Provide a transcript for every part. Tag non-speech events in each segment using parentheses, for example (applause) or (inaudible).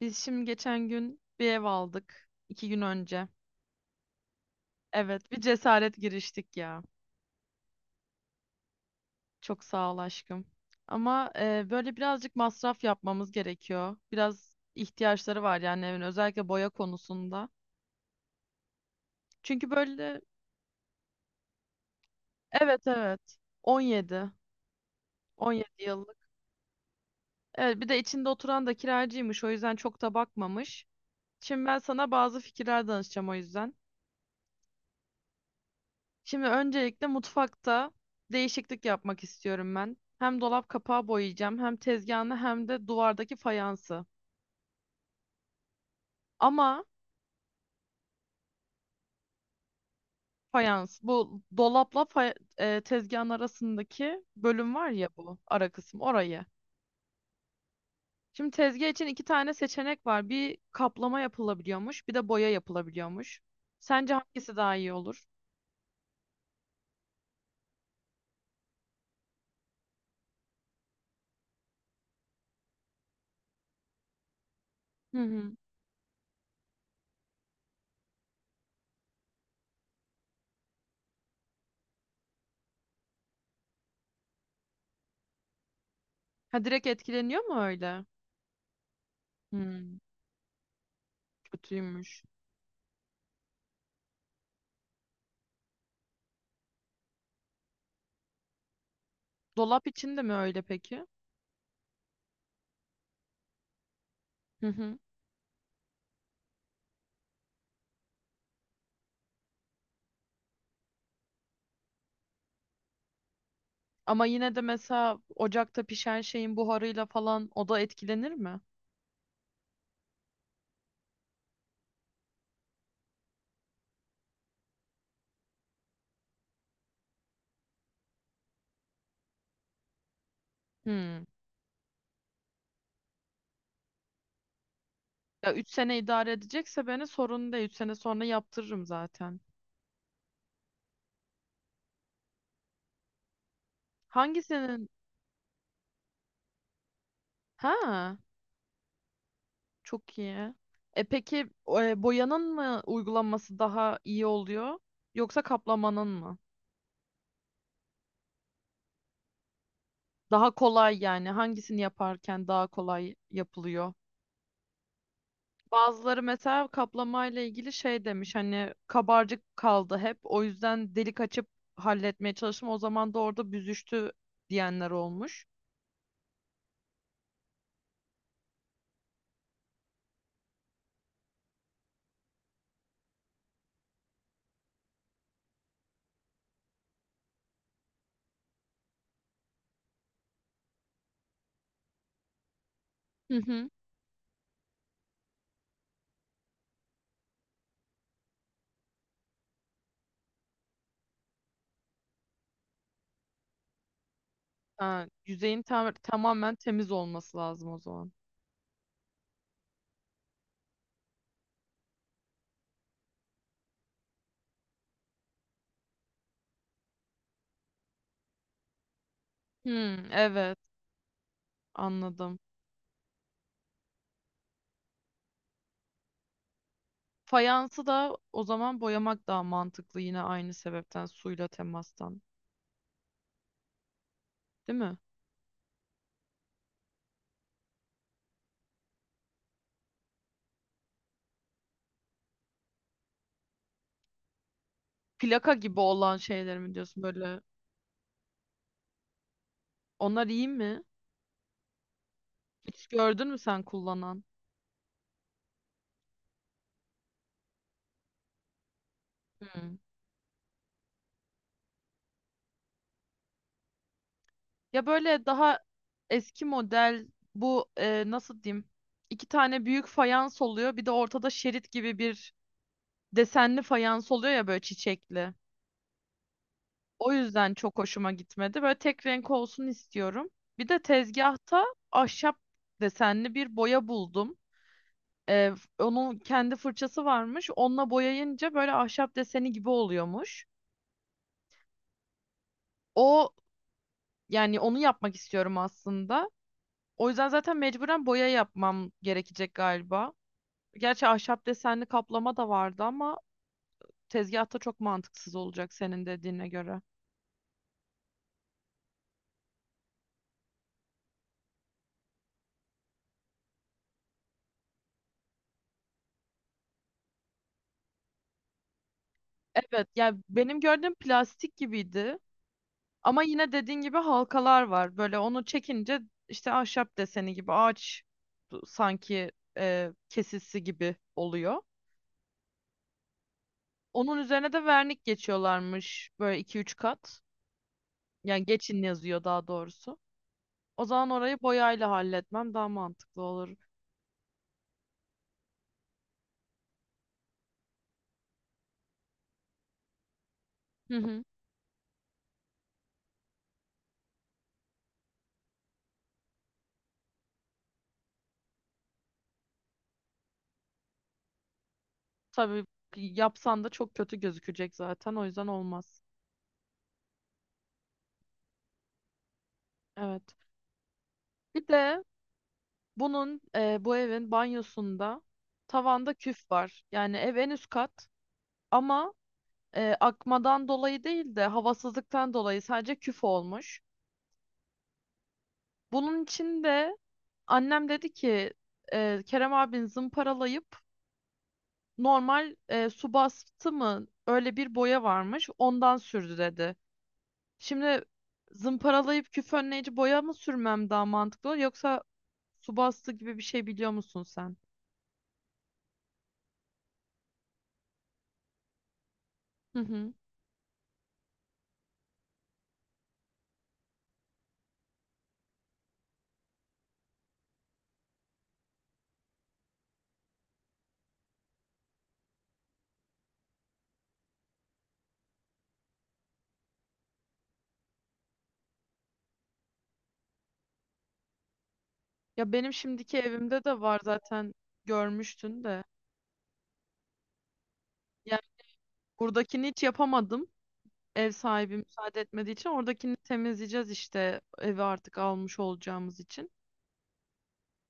Biz şimdi geçen gün bir ev aldık. İki gün önce. Evet, bir cesaret giriştik ya. Çok sağ ol aşkım. Ama böyle birazcık masraf yapmamız gerekiyor. Biraz ihtiyaçları var yani evin, özellikle boya konusunda. Çünkü böyle. Evet, evet. 17. 17 yıllık. Evet, bir de içinde oturan da kiracıymış, o yüzden çok da bakmamış. Şimdi ben sana bazı fikirler danışacağım o yüzden. Şimdi öncelikle mutfakta değişiklik yapmak istiyorum ben. Hem dolap kapağı boyayacağım, hem tezgahını, hem de duvardaki fayansı. Ama fayans, bu dolapla tezgahın arasındaki bölüm var ya, bu ara kısım, orayı. Şimdi tezgah için iki tane seçenek var. Bir kaplama yapılabiliyormuş, bir de boya yapılabiliyormuş. Sence hangisi daha iyi olur? Hı hı. Ha, direkt etkileniyor mu öyle? Hmm, Kötüymüş. Dolap için de mi öyle peki? Hı hı. Ama yine de mesela ocakta pişen şeyin buharıyla falan o da etkilenir mi? Hmm. Ya 3 sene idare edecekse beni sorun değil. 3 sene sonra yaptırırım zaten. Hangisinin? Ha, çok iyi. E peki, boyanın mı uygulanması daha iyi oluyor yoksa kaplamanın mı? Daha kolay yani, hangisini yaparken daha kolay yapılıyor? Bazıları mesela kaplamayla ilgili şey demiş, hani kabarcık kaldı hep, o yüzden delik açıp halletmeye çalıştım, o zaman da orada büzüştü diyenler olmuş. Hı hı. Ha, yüzeyin tamamen temiz olması lazım o zaman. Hmm, evet, anladım. Fayansı da o zaman boyamak daha mantıklı, yine aynı sebepten, suyla temastan, değil mi? Plaka gibi olan şeyler mi diyorsun böyle, onlar iyi mi? Hiç gördün mü sen kullanan? Hmm. Ya böyle daha eski model bu, nasıl diyeyim? İki tane büyük fayans oluyor. Bir de ortada şerit gibi bir desenli fayans oluyor ya, böyle çiçekli. O yüzden çok hoşuma gitmedi. Böyle tek renk olsun istiyorum. Bir de tezgahta ahşap desenli bir boya buldum. E, Onun kendi fırçası varmış. Onunla boyayınca böyle ahşap deseni gibi oluyormuş. O, yani onu yapmak istiyorum aslında. O yüzden zaten mecburen boya yapmam gerekecek galiba. Gerçi ahşap desenli kaplama da vardı ama tezgahta çok mantıksız olacak senin dediğine göre. Evet, yani benim gördüğüm plastik gibiydi. Ama yine dediğin gibi halkalar var. Böyle onu çekince işte ahşap deseni gibi, ağaç sanki kesisi gibi oluyor. Onun üzerine de vernik geçiyorlarmış böyle iki üç kat. Yani geçin yazıyor daha doğrusu. O zaman orayı boyayla halletmem daha mantıklı olur. Hı hı. Tabii, yapsan da çok kötü gözükecek zaten, o yüzden olmaz. Evet. Bir de bu evin banyosunda tavanda küf var. Yani ev en üst kat ama akmadan dolayı değil de havasızlıktan dolayı sadece küf olmuş. Bunun için de annem dedi ki, Kerem abin zımparalayıp normal, su bastı mı öyle bir boya varmış, ondan sürdü dedi. Şimdi zımparalayıp küf önleyici boya mı sürmem daha mantıklı olur, yoksa su bastı gibi bir şey biliyor musun sen? Hı hı. Ya benim şimdiki evimde de var zaten, görmüştün de. Yani buradakini hiç yapamadım. Ev sahibi müsaade etmediği için, oradakini temizleyeceğiz işte, evi artık almış olacağımız için.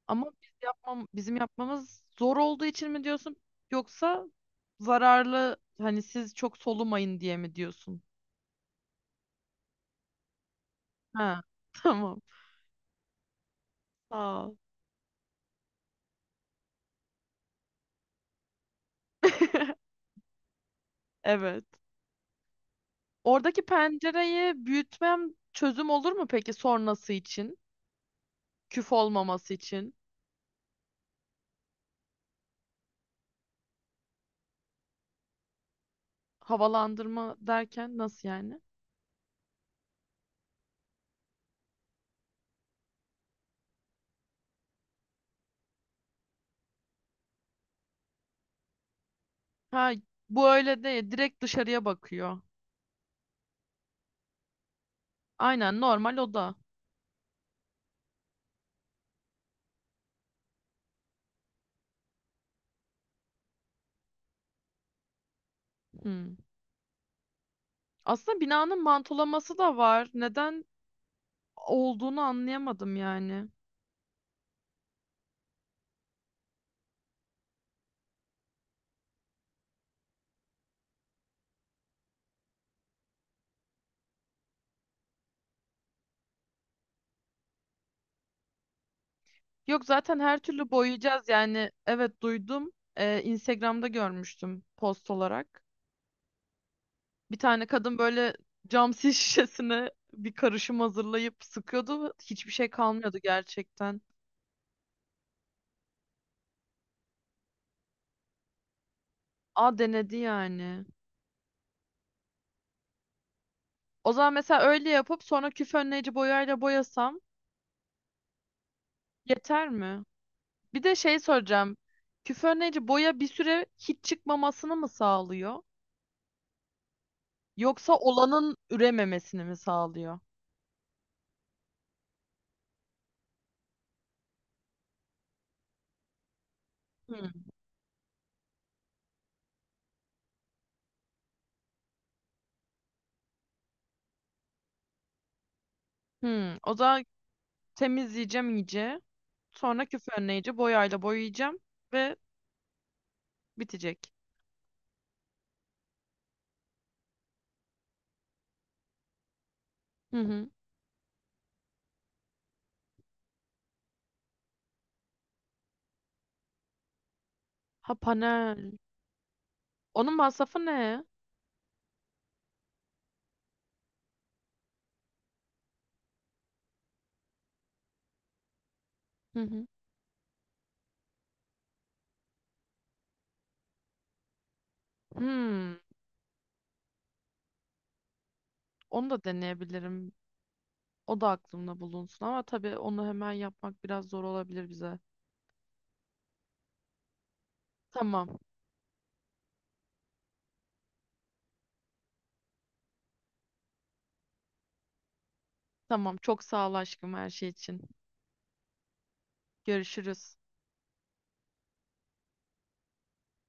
Ama bizim yapmamız zor olduğu için mi diyorsun, yoksa zararlı, hani siz çok solumayın diye mi diyorsun? Ha (laughs) tamam. Sağ ol. (laughs) Evet. Oradaki pencereyi büyütmem çözüm olur mu peki sonrası için? Küf olmaması için. Havalandırma derken nasıl yani? Ha, bu öyle değil. Direkt dışarıya bakıyor. Aynen, normal oda. Hmm. Aslında binanın mantolaması da var. Neden olduğunu anlayamadım yani. Yok, zaten her türlü boyayacağız yani. Evet, duydum. Instagram'da görmüştüm, post olarak. Bir tane kadın böyle cam sis (laughs) şişesine bir karışım hazırlayıp sıkıyordu ve hiçbir şey kalmıyordu gerçekten. A, denedi yani. O zaman mesela öyle yapıp sonra küf önleyici boyayla boyasam yeter mi? Bir de şey soracağım. Küf önleyici boya bir süre hiç çıkmamasını mı sağlıyor? Yoksa olanın ürememesini mi sağlıyor? Hmm. Hmm. O zaman temizleyeceğim iyice. Sonra küf önleyici boyayla boyayacağım ve bitecek. Hı hı. Ha, panel. Onun masrafı ne? Hı hı. Hmm, Onu da deneyebilirim. O da aklımda bulunsun ama tabii onu hemen yapmak biraz zor olabilir bize. Tamam. Tamam. Çok sağ ol aşkım, her şey için. Görüşürüz.